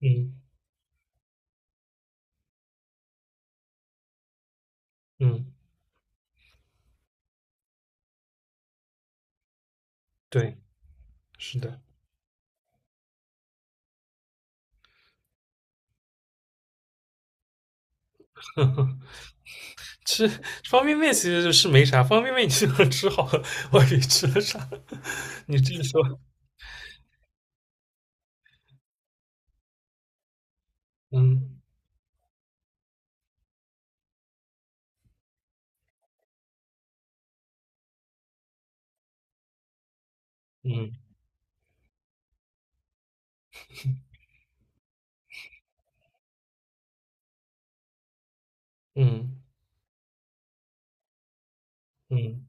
嗯嗯，对，是的，吃方便面其实是没啥，方便面你就能吃好了，我以吃了啥？你这一说，嗯嗯嗯嗯，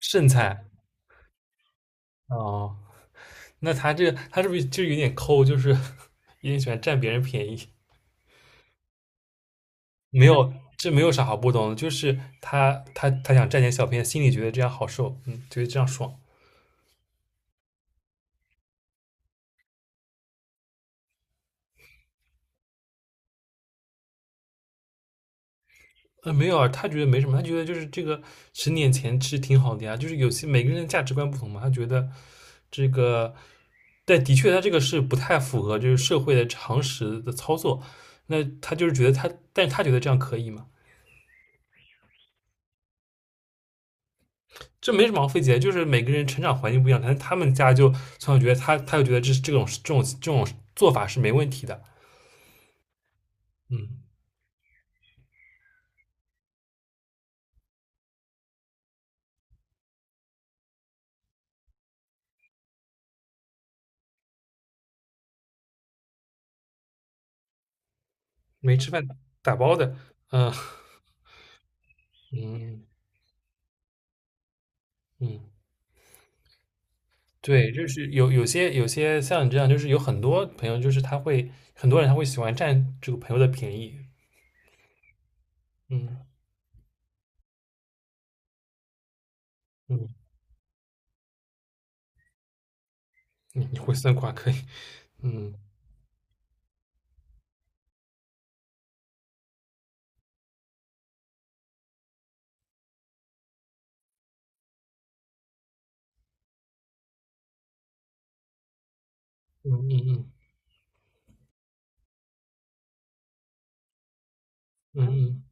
剩菜哦。那他是不是就有点抠，就是有点喜欢占别人便宜？没有，这没有啥好不懂的，就是他想占点小便宜，心里觉得这样好受，嗯，觉得这样爽。没有啊，他觉得没什么，他觉得就是这个10年前其实挺好的呀，就是有些每个人的价值观不同嘛。他觉得这个，但的确他这个是不太符合就是社会的常识的操作。那他就是觉得他，但是他觉得这样可以嘛。这没什么好费解的，就是每个人成长环境不一样，但是他们家就从小觉得他，他就觉得这种做法是没问题的。嗯，没吃饭打包的，嗯嗯嗯。对，就是有些像你这样，就是有很多朋友，就是他会很多人他会喜欢占这个朋友的便宜。嗯嗯，你会算卦可以。嗯嗯嗯嗯嗯嗯，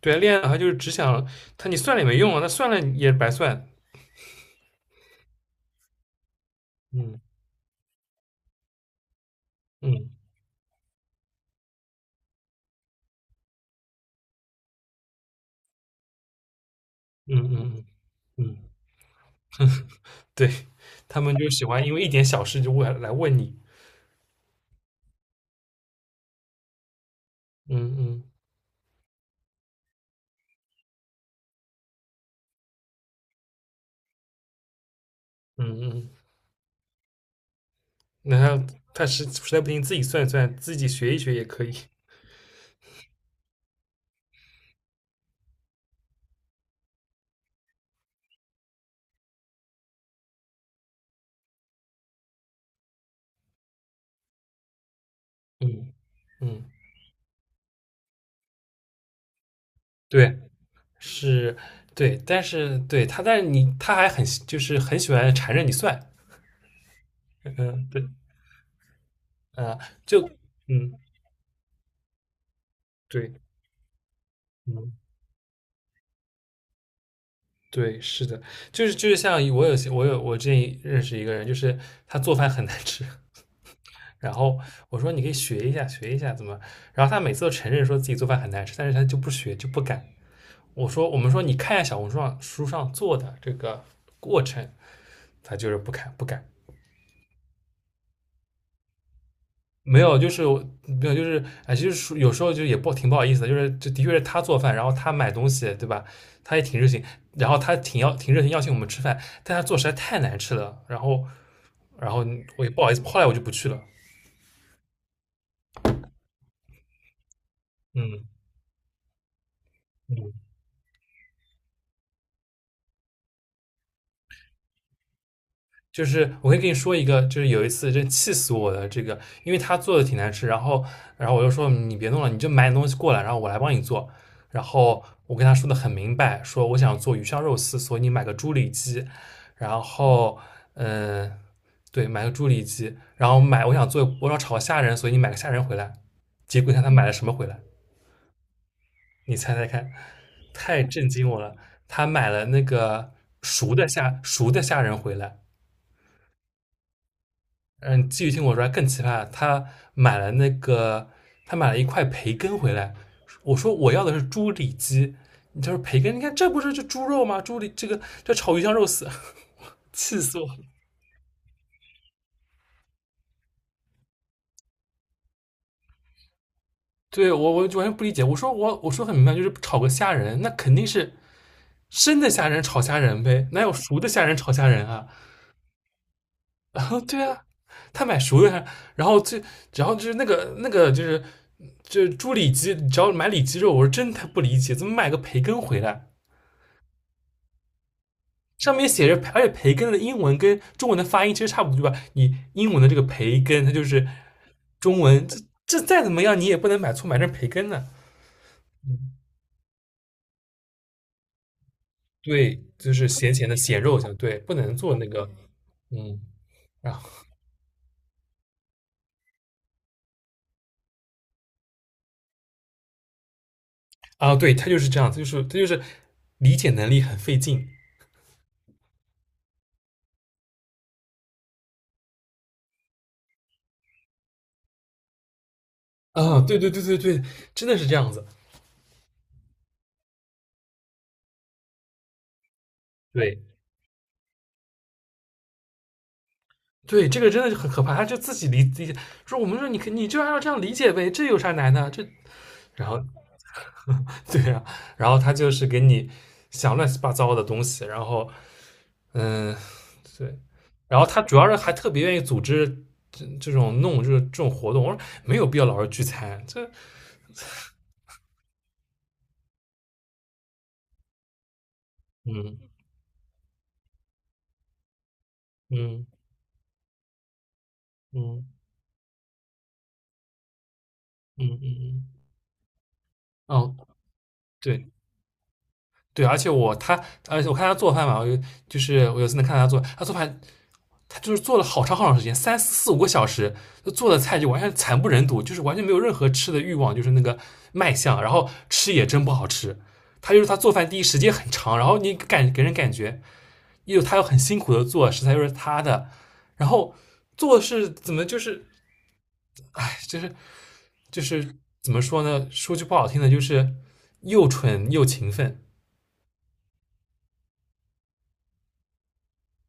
对啊，恋爱脑他就是只想你算了也没用啊，那算了也白算。嗯嗯嗯嗯嗯嗯，对，他们就喜欢因为一点小事就问来问你。嗯嗯嗯嗯，那他实在不行自己算一算，自己学一学也可以。嗯嗯，对。是，对。但是对他，但是他还很就是很喜欢缠着你算，嗯，对，啊，就嗯，对，嗯，对，是的。就是像我有些我有我之前认识一个人，就是他做饭很难吃，然后我说你可以学一下学一下怎么，然后他每次都承认说自己做饭很难吃，但是他就不学就不敢。我说我们说你看一下小红书上做的这个过程，他就是不看不敢。没有，就是没有，就是哎，其实说有时候就也不挺不好意思的，就是这的确是他做饭，然后他买东西，对吧？他也挺热情，然后他挺热情邀请我们吃饭，但他做实在太难吃了，然后然后我也不好意思，后来我就不去了。嗯嗯，就是我可以跟你说一个，就是有一次真气死我的这个。因为他做的挺难吃，然后我就说你别弄了，你就买点东西过来，然后我来帮你做。然后我跟他说的很明白，说我想做鱼香肉丝，所以你买个猪里脊，然后嗯、呃对，买个猪里脊，然后买我想做我想炒虾仁，所以你买个虾仁回来。结果你看他买了什么回来？你猜猜看，太震惊我了！他买了那个熟的虾仁回来。嗯，继续听我说更奇葩，买了那个，他买了一块培根回来。我说我要的是猪里脊，他说培根，你看这不是就猪肉吗？猪里这个这炒鱼香肉丝，气死我了！对我完全不理解。我说我说很明白，就是炒个虾仁，那肯定是生的虾仁炒虾仁呗，哪有熟的虾仁炒虾仁啊？对啊，他买熟的。然后就是那个就是猪里脊，只要买里脊肉，我是真他不理解，怎么买个培根回来？上面写着，而且培根的英文跟中文的发音其实差不多，对吧？你英文的这个培根，它就是中文，这再怎么样，你也不能买错买成培根呢。对，就是咸咸的咸肉，像对，不能做那个。嗯，啊对，他就是这样，他就是理解能力很费劲啊，对对对对对，真的是这样子。对对，这个真的是很可怕。他就自己理解，说我们说你就按照这样理解呗，这有啥难的？这然后 对啊，然后他就是给你想乱七八糟的东西。然后嗯对，然后他主要是还特别愿意组织这种活动。我说没有必要老是聚餐，这嗯嗯嗯嗯嗯嗯，哦对。对，而且我他，而且我看他做饭嘛。我有次能看他做，他做饭。他就是做了好长好长时间，三四四五个小时，就做的菜就完全惨不忍睹，就是完全没有任何吃的欲望，就是那个卖相，然后吃也真不好吃。他就是他做饭第一时间很长，然后给人感觉又他又很辛苦的做，食材又是他的，然后做是怎么就是哎就是怎么说呢？说句不好听的，就是又蠢又勤奋。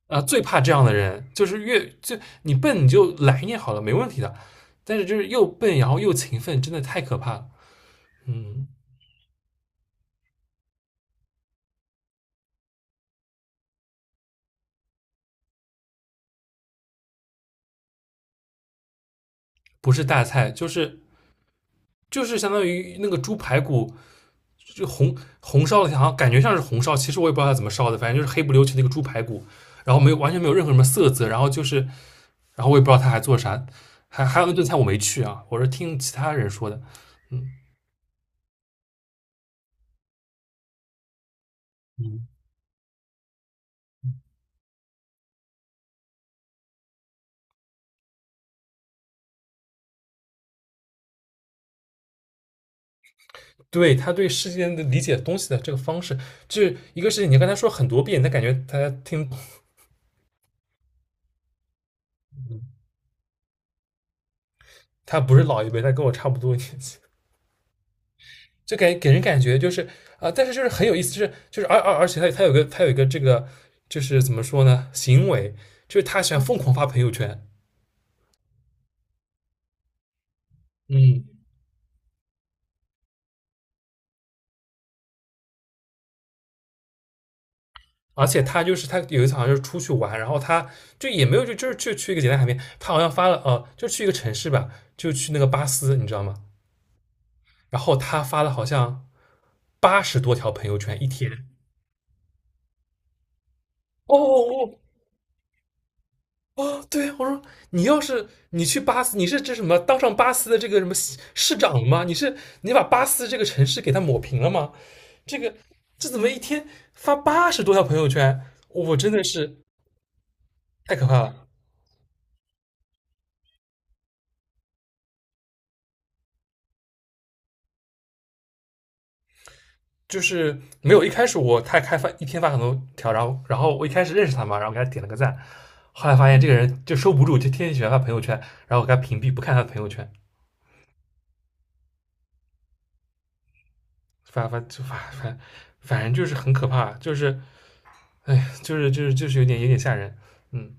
啊，最怕这样的人，就是越就你笨你就懒一点好了，没问题的。但是就是又笨然后又勤奋，真的太可怕了。嗯，不是大菜，就是相当于那个猪排骨就红烧的，好像感觉像是红烧，其实我也不知道它怎么烧的，反正就是黑不溜秋的一个猪排骨，然后没有完全没有任何什么色泽，然后我也不知道他还做啥，还有那顿菜我没去啊，我是听其他人说的。嗯嗯。对他对世件的理解东西的这个方式，就是一个事情，你跟他说很多遍，他感觉他听。他不是老一辈，他跟我差不多年纪，就给人感觉就是啊、但是就是很有意思。就是而且他有一个这个就是怎么说呢，行为就是他喜欢疯狂发朋友圈。嗯，而且他就是他有一次好像就是出去玩，然后他就也没有就就是就去一个简单海边，他好像发了就去一个城市吧，就去那个巴斯，你知道吗？然后他发了好像八十多条朋友圈一天。哦哦哦对，我说你要是去巴斯，你是这什么当上巴斯的这个什么市长了吗？你是你把巴斯这个城市给它抹平了吗？这个这怎么一天发八十多条朋友圈？我真的是太可怕了。就是没有一开始我太开发一天发很多条，然后我一开始认识他嘛，然后给他点了个赞，后来发现这个人就收不住，就天天喜欢发朋友圈，然后给他屏蔽，不看他的朋友圈。反反就反反反正就是很可怕。就是哎，就是有点吓人。嗯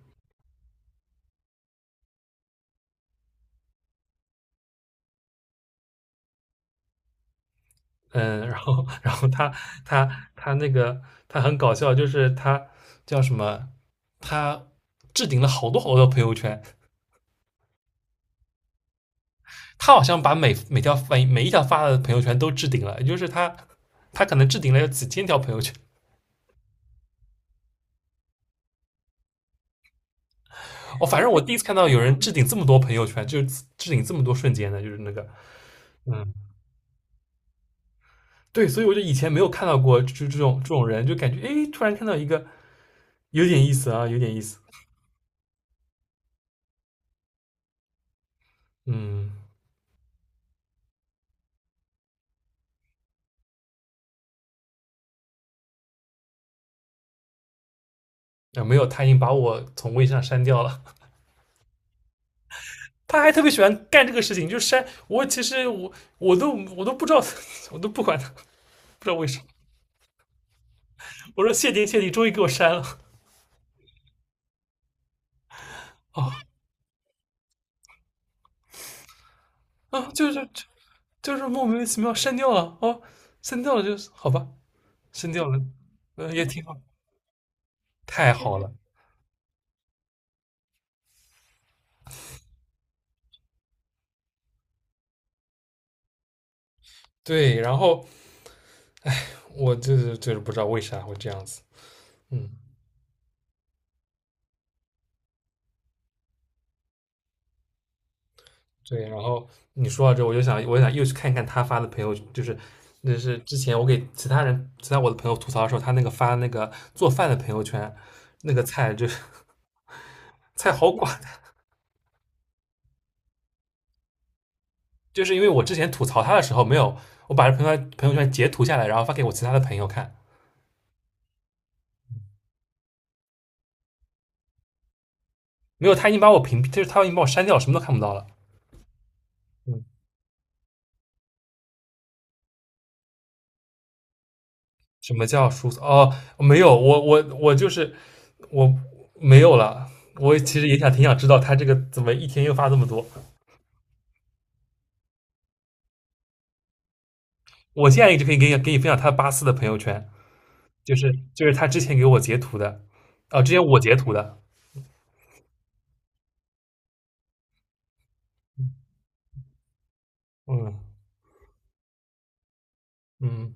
嗯，然后他他他那个他很搞笑，就是他叫什么，他置顶了好多好多朋友圈，他好像把每一条发的朋友圈都置顶了，也就是他可能置顶了有几千条朋友圈。哦，反正我第一次看到有人置顶这么多朋友圈，就是置顶这么多瞬间的，就是那个嗯。对，所以我就以前没有看到过就这种这种人，就感觉哎诶，突然看到一个有点意思啊，有点意思。嗯，啊，没有，他已经把我从微信上删掉了。他还特别喜欢干这个事情，就删我。其实我都我都不知道，我都不管他，不知道为什么。我说谢天谢地，终于给我删了。哦啊，就是莫名其妙删掉了哦，删掉了就是好吧，删掉了，嗯、也挺好，太好了。对，然后我就是不知道为啥会这样子。嗯。对，然后你说到这，我就想又去看一看他发的朋友，就是那是之前我给其他人、其他我的朋友吐槽的时候，他发那个做饭的朋友圈，那个菜就是 菜好寡。就是因为我之前吐槽他的时候没有，我把这朋友圈截图下来，然后发给我其他的朋友看。没有，他已经把我屏蔽，就是他已经把我删掉，什么都看不到了。嗯，什么叫疏散？哦，没有，我就是我没有了。我其实也想挺想知道他这个怎么一天又发这么多。我现在一直可以给你分享他84的朋友圈，就是他之前给我截图的，哦，之前我截图的，嗯嗯，